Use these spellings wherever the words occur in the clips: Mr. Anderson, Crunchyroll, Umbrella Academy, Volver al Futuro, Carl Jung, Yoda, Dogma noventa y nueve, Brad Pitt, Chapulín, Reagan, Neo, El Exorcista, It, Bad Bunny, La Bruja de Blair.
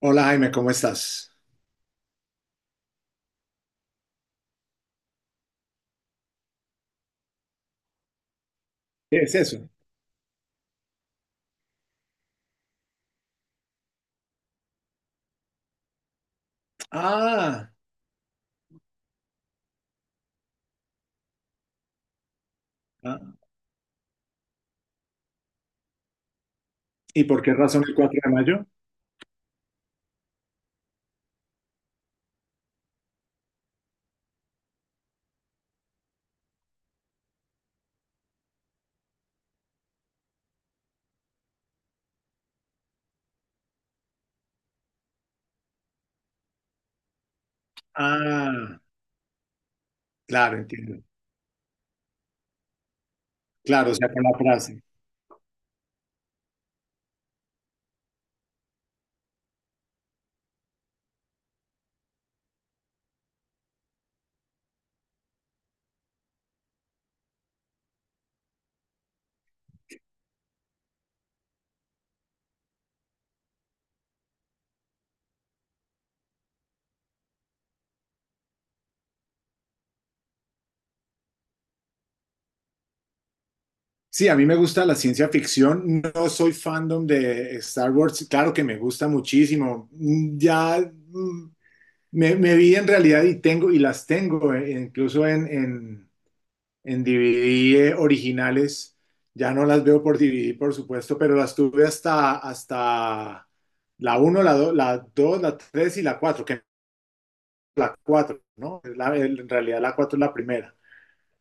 Hola Jaime, ¿cómo estás? ¿Qué es eso? Ah, ah. ¿Y por qué razón el 4 de mayo? Ah, claro, entiendo. Claro, o sea, con la frase. Sí, a mí me gusta la ciencia ficción, no soy fandom de Star Wars, claro que me gusta muchísimo. Mm, Ya me vi en realidad y las tengo, incluso en DVD originales. Ya no las veo por DVD, por supuesto, pero las tuve hasta la uno, la dos, la 3 y la cuatro, que la cuatro, ¿no? En realidad la 4 es la primera.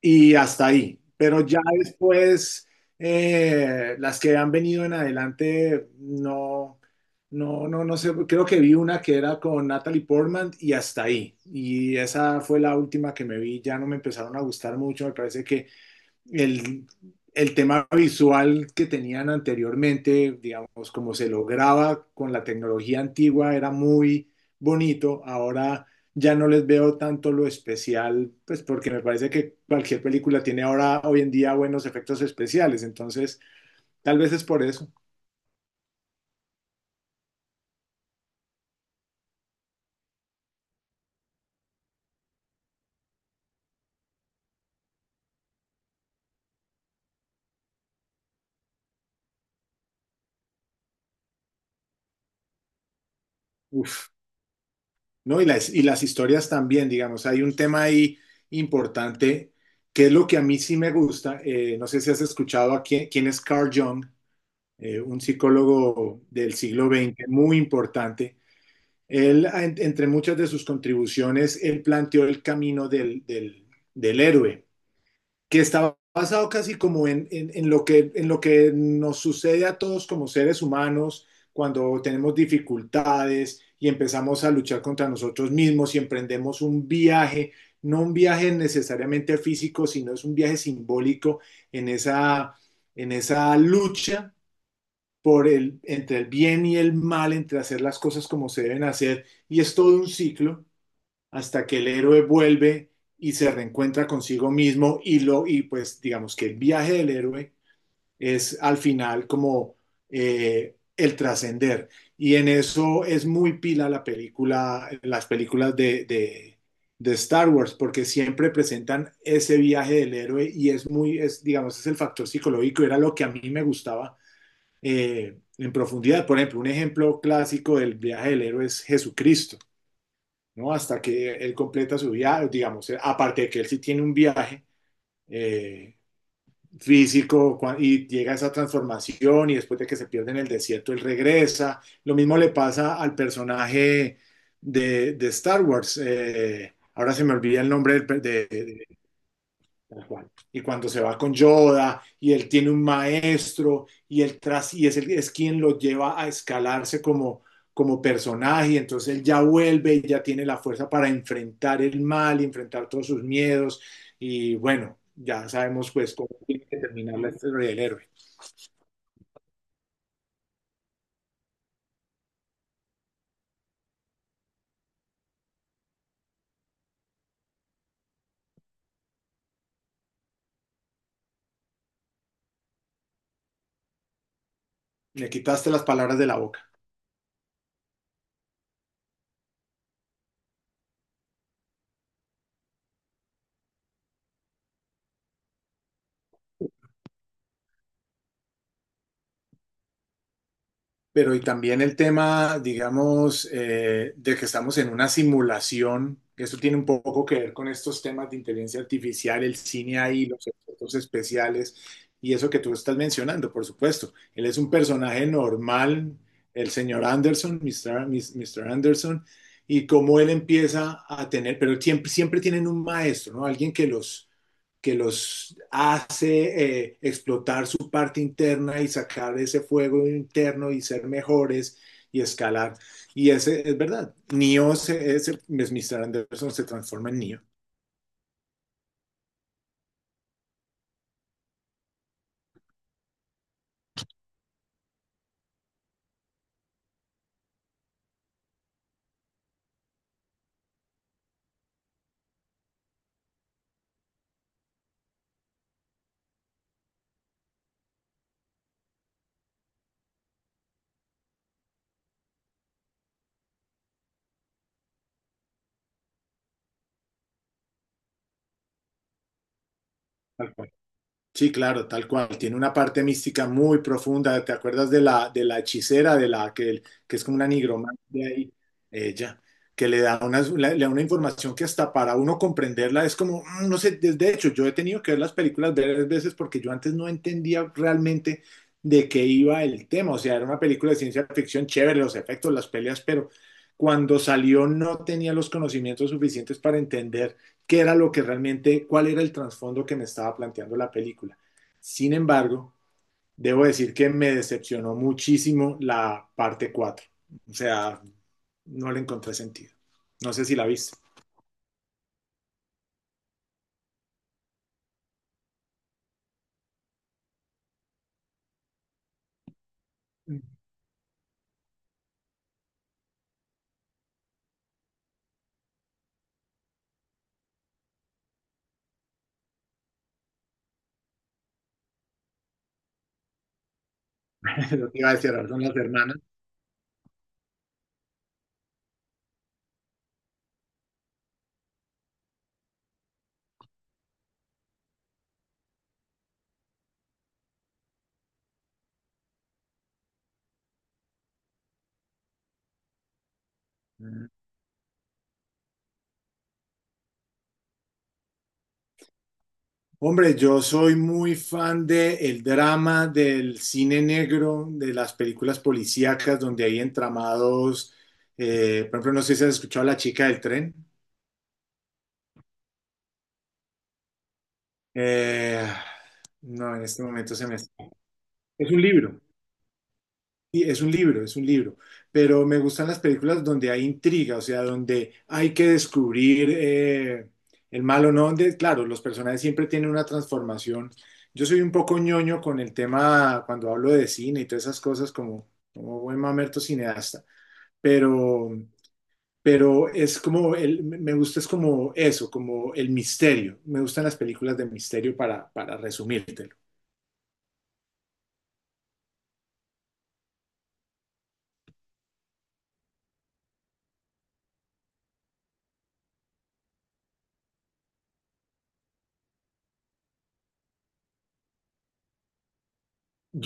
Y hasta ahí. Pero ya después, las que han venido en adelante, no, no, no, no sé. Creo que vi una que era con Natalie Portman y hasta ahí. Y esa fue la última que me vi. Ya no me empezaron a gustar mucho. Me parece que el, el tema visual que tenían anteriormente, digamos, como se lograba con la tecnología antigua, era muy bonito. Ahora ya no les veo tanto lo especial, pues porque me parece que cualquier película tiene ahora, hoy en día, buenos efectos especiales. Entonces, tal vez es por eso. Uf, ¿no? Y las historias también, digamos, hay un tema ahí importante que es lo que a mí sí me gusta. No sé si has escuchado a quién, quién es Carl Jung, un psicólogo del siglo XX muy importante. Él, entre muchas de sus contribuciones, él planteó el camino del héroe, que estaba basado casi como en lo que nos sucede a todos como seres humanos cuando tenemos dificultades y empezamos a luchar contra nosotros mismos y emprendemos un viaje, no un viaje necesariamente físico, sino es un viaje simbólico en esa, en esa lucha entre el bien y el mal, entre hacer las cosas como se deben hacer, y es todo un ciclo hasta que el héroe vuelve y se reencuentra consigo mismo, y pues digamos que el viaje del héroe es al final como el trascender. Y en eso es muy pila la película las películas de Star Wars, porque siempre presentan ese viaje del héroe, y es muy es digamos, es el factor psicológico era lo que a mí me gustaba en profundidad. Por ejemplo, un ejemplo clásico del viaje del héroe es Jesucristo, ¿no? Hasta que él completa su viaje, digamos, aparte de que él sí tiene un viaje eh, físico, y llega a esa transformación y después de que se pierde en el desierto, él regresa. Lo mismo le pasa al personaje de Star Wars. Ahora se me olvida el nombre del... Tal cual. Y cuando se va con Yoda y él tiene un maestro, y él tras y es, el, es quien lo lleva a escalarse como personaje, y entonces él ya vuelve y ya tiene la fuerza para enfrentar el mal y enfrentar todos sus miedos y, bueno, ya sabemos pues cómo tiene que terminar la historia del héroe. Me quitaste las palabras de la boca. Pero y también el tema, digamos, de que estamos en una simulación, que eso tiene un poco que ver con estos temas de inteligencia artificial, el cine ahí, los efectos especiales y eso que tú estás mencionando, por supuesto. Él es un personaje normal, el señor Anderson, Mr. Anderson, y cómo él empieza a tener, pero siempre, siempre tienen un maestro, ¿no? Alguien que los hace explotar su parte interna y sacar ese fuego interno y ser mejores y escalar. Y ese es verdad. Mr. Anderson se transforma en Neo, tal cual. Sí, claro, tal cual. Tiene una parte mística muy profunda. ¿Te acuerdas de la hechicera, de la que es como una nigromante ahí? Ella, que le da una información que hasta para uno comprenderla es como, no sé, de hecho, yo he tenido que ver las películas varias veces porque yo antes no entendía realmente de qué iba el tema. O sea, era una película de ciencia ficción chévere, los efectos, las peleas, pero cuando salió no tenía los conocimientos suficientes para entender qué era lo que realmente, cuál era el trasfondo que me estaba planteando la película. Sin embargo, debo decir que me decepcionó muchísimo la parte cuatro. O sea, no le encontré sentido. No sé si la viste. Lo que iba a decir ahora son las hermanas. Hombre, yo soy muy fan del drama, del cine negro, de las películas policíacas donde hay entramados. Por ejemplo, no sé si has escuchado La chica del tren. Eh, no, en este momento se me... Es un libro, sí, es un libro, pero me gustan las películas donde hay intriga, o sea, donde hay que descubrir el malo, no, donde, claro, los personajes siempre tienen una transformación. Yo soy un poco ñoño con el tema cuando hablo de cine y todas esas cosas, como buen mamerto cineasta, pero, pero me gusta es como eso, como el misterio. Me gustan las películas de misterio para resumírtelo.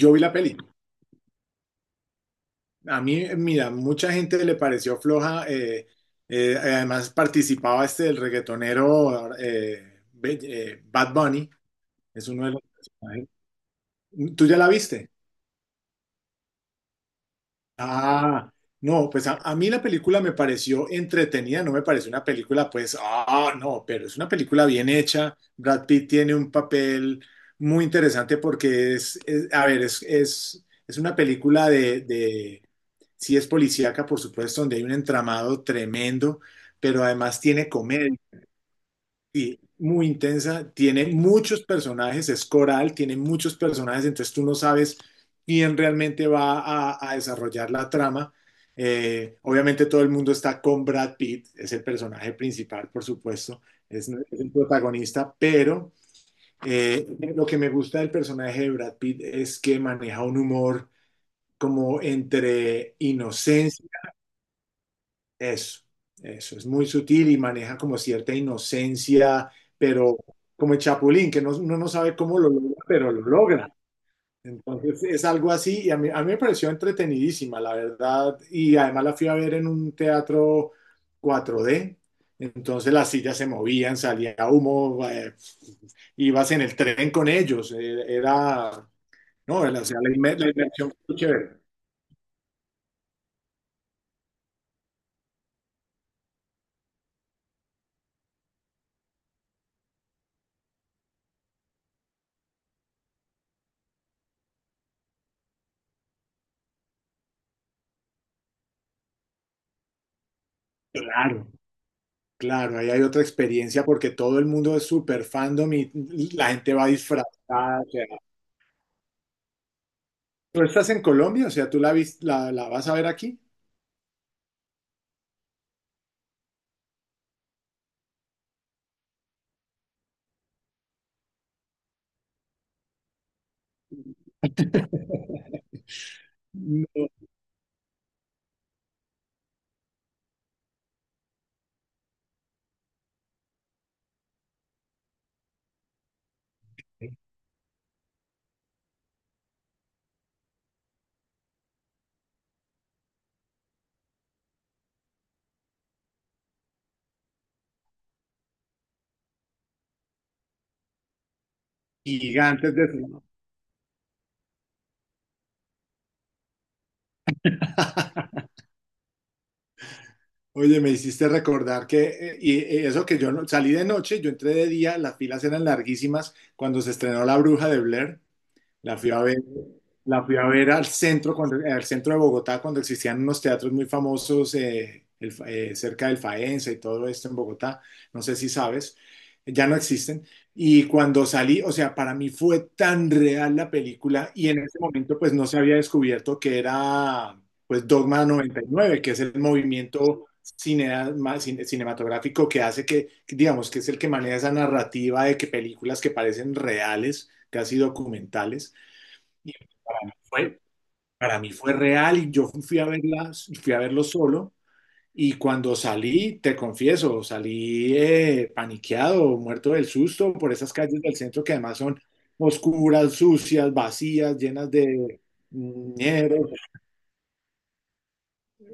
Yo vi la peli. A mí, mira, mucha gente le pareció floja. Además, participaba este el reggaetonero Bad Bunny, es uno de los personajes. ¿Tú ya la viste? Ah, no, pues a mí la película me pareció entretenida, no me pareció una película, pues, ah, no, pero es una película bien hecha. Brad Pitt tiene un papel muy interesante porque a ver, es una película de... Sí, es policíaca, por supuesto, donde hay un entramado tremendo, pero además tiene comedia. Sí, muy intensa, tiene muchos personajes, es coral, tiene muchos personajes, entonces tú no sabes quién realmente va a desarrollar la trama. Obviamente, todo el mundo está con Brad Pitt, es el personaje principal, por supuesto, es el protagonista, pero eh, lo que me gusta del personaje de Brad Pitt es que maneja un humor como entre inocencia. eso, eso, es muy sutil y maneja como cierta inocencia, pero como el Chapulín, que no, uno no sabe cómo lo logra, pero lo logra. Entonces es algo así, y a mí me pareció entretenidísima, la verdad, y además la fui a ver en un teatro 4D, entonces las sillas se movían, salía humo, ibas en el tren con ellos, era, no, era, o sea, la inmersión fue chévere. Claro. Claro, ahí hay otra experiencia porque todo el mundo es súper fandom y la gente va disfrazada. O sea, ¿tú estás en Colombia? O sea, ¿tú la vas a ver aquí? No, gigantes de fila. Oye, me hiciste recordar que, eso, que yo, no, salí de noche, yo entré de día, las filas eran larguísimas cuando se estrenó La Bruja de Blair. La fui a ver, la fui a ver al centro, cuando, al centro de Bogotá, cuando existían unos teatros muy famosos, cerca del Faenza y todo esto en Bogotá. No sé si sabes, ya no existen. Y cuando salí, o sea, para mí fue tan real la película, y en ese momento pues no se había descubierto que era pues Dogma 99, que es el movimiento cinematográfico, que hace que, digamos, que es el que maneja esa narrativa de que películas que parecen reales, casi documentales, y fue, para mí fue real y yo fui a verlas, fui a verlo solo. Y cuando salí, te confieso, salí paniqueado, muerto del susto por esas calles del centro, que además son oscuras, sucias, vacías, llenas de dinero.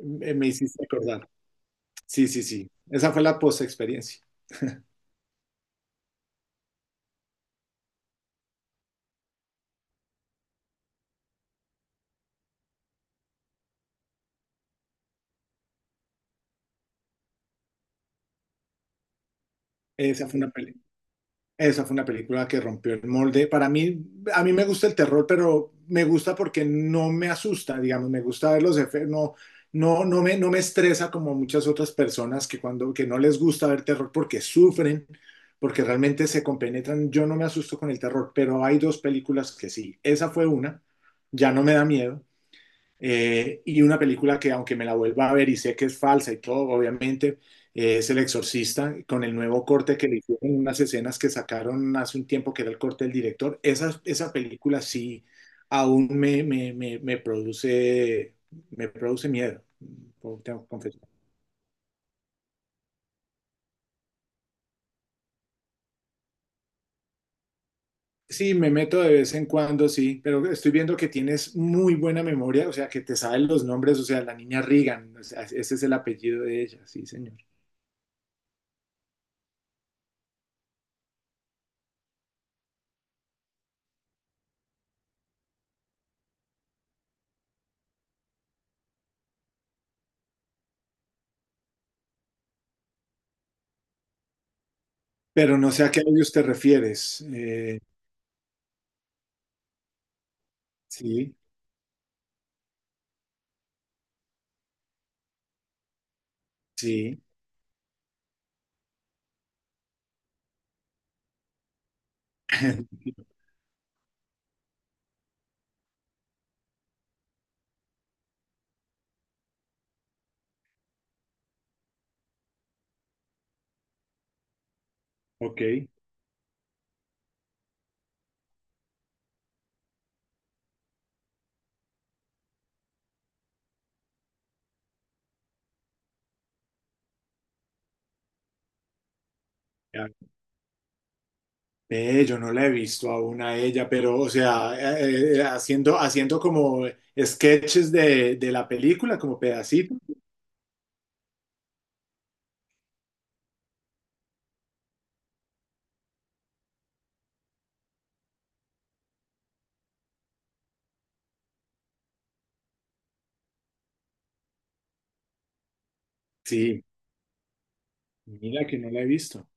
Me hiciste acordar. Sí, sí, sí. Esa fue la post experiencia. Esa fue una, pelea. Esa fue una película que rompió el molde. Para mí, a mí me gusta el terror, pero me gusta porque no me asusta, digamos, me gusta ver los efectos, no, no, no me estresa como muchas otras personas, que que no les gusta ver terror porque sufren, porque realmente se compenetran. Yo no me asusto con el terror, pero hay dos películas que sí. Esa fue una, ya no me da miedo. Y una película que aunque me la vuelva a ver y sé que es falsa y todo, obviamente, es El Exorcista, con el nuevo corte que le hicieron, unas escenas que sacaron hace un tiempo, que era el corte del director. Esa película sí aún me produce miedo, tengo que confesar. Sí, me meto de vez en cuando, sí, pero estoy viendo que tienes muy buena memoria, o sea, que te saben los nombres, o sea, la niña Reagan, o sea, ese es el apellido de ella, sí, señor. Pero no sé a qué audios te refieres. Sí, sí, ok. Ve, yo no la he visto aún a ella, pero, o sea, haciendo, haciendo como sketches de la película, como pedacitos. Sí, mira que no la he visto.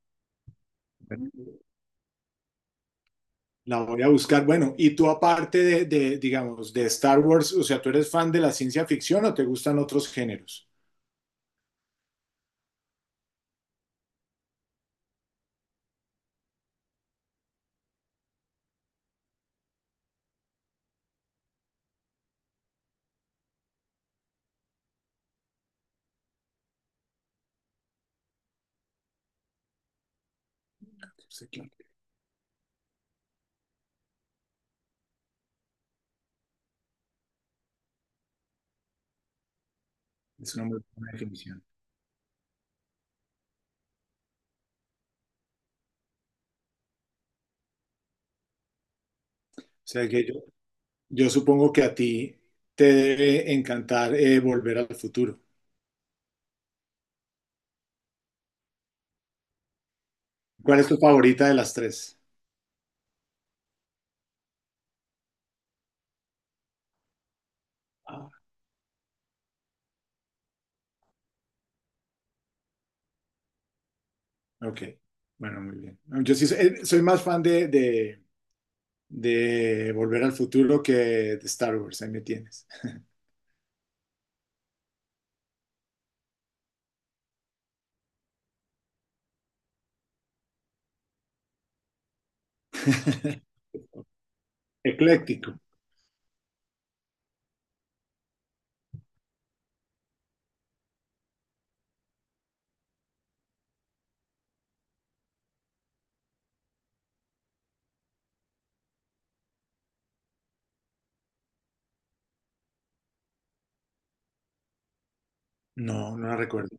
Bueno, la voy a buscar. Bueno, y tú aparte digamos, de Star Wars, o sea, ¿tú eres fan de la ciencia ficción o te gustan otros géneros? Sí, claro. Es una muy buena definición. O sea, que yo supongo que a ti te debe encantar, Volver al Futuro. ¿Cuál es tu favorita de las tres? Ok, bueno, muy bien. No, yo sí soy más fan de Volver al Futuro que de Star Wars, ahí me tienes. Ecléctico. No, no la recuerdo.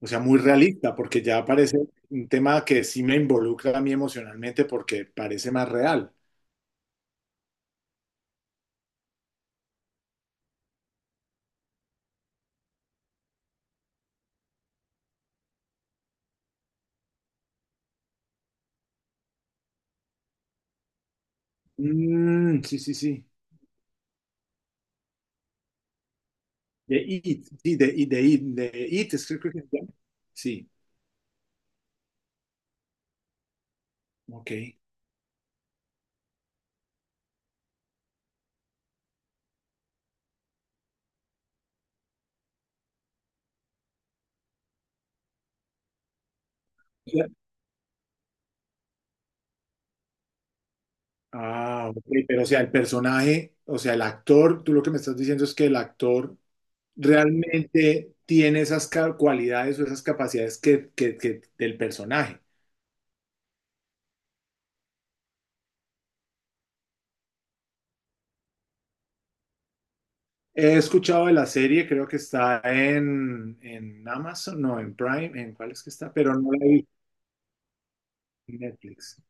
O sea, muy realista, porque ya parece un tema que sí me involucra a mí emocionalmente, porque parece más real. Mm, sí, sí, sí. De It, sí, de It, es que creo que se llama. Sí, ok. Ya. Ah, ok, pero o sea, el personaje, o sea, el actor, tú lo que me estás diciendo es que el actor realmente tiene esas cualidades o esas capacidades que del personaje. He escuchado de la serie, creo que está en Amazon, no, en Prime, ¿en cuál es que está? Pero no la vi en Netflix.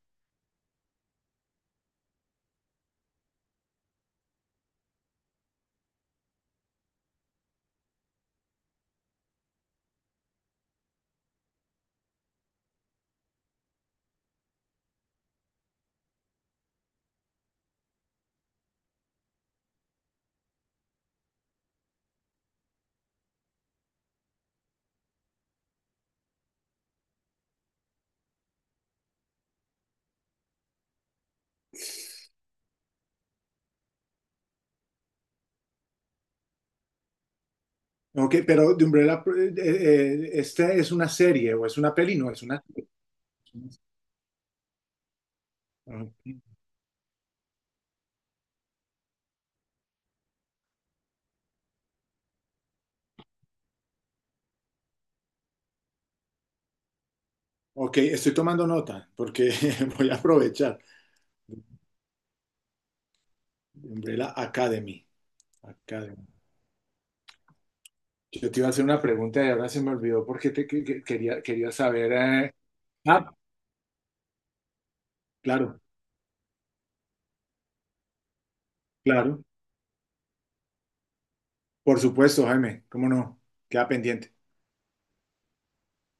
Ok, pero de Umbrella, ¿esta es una serie o es una peli? No, es una serie. Ok, estoy tomando nota porque voy a aprovechar. Umbrella Academy. Academy. Yo te iba a hacer una pregunta y ahora se me olvidó porque te, que- quería, quería saber. Ah, claro, claro. Por supuesto, Jaime. ¿Cómo no? Queda pendiente.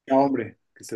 Ya, hombre. Que estés...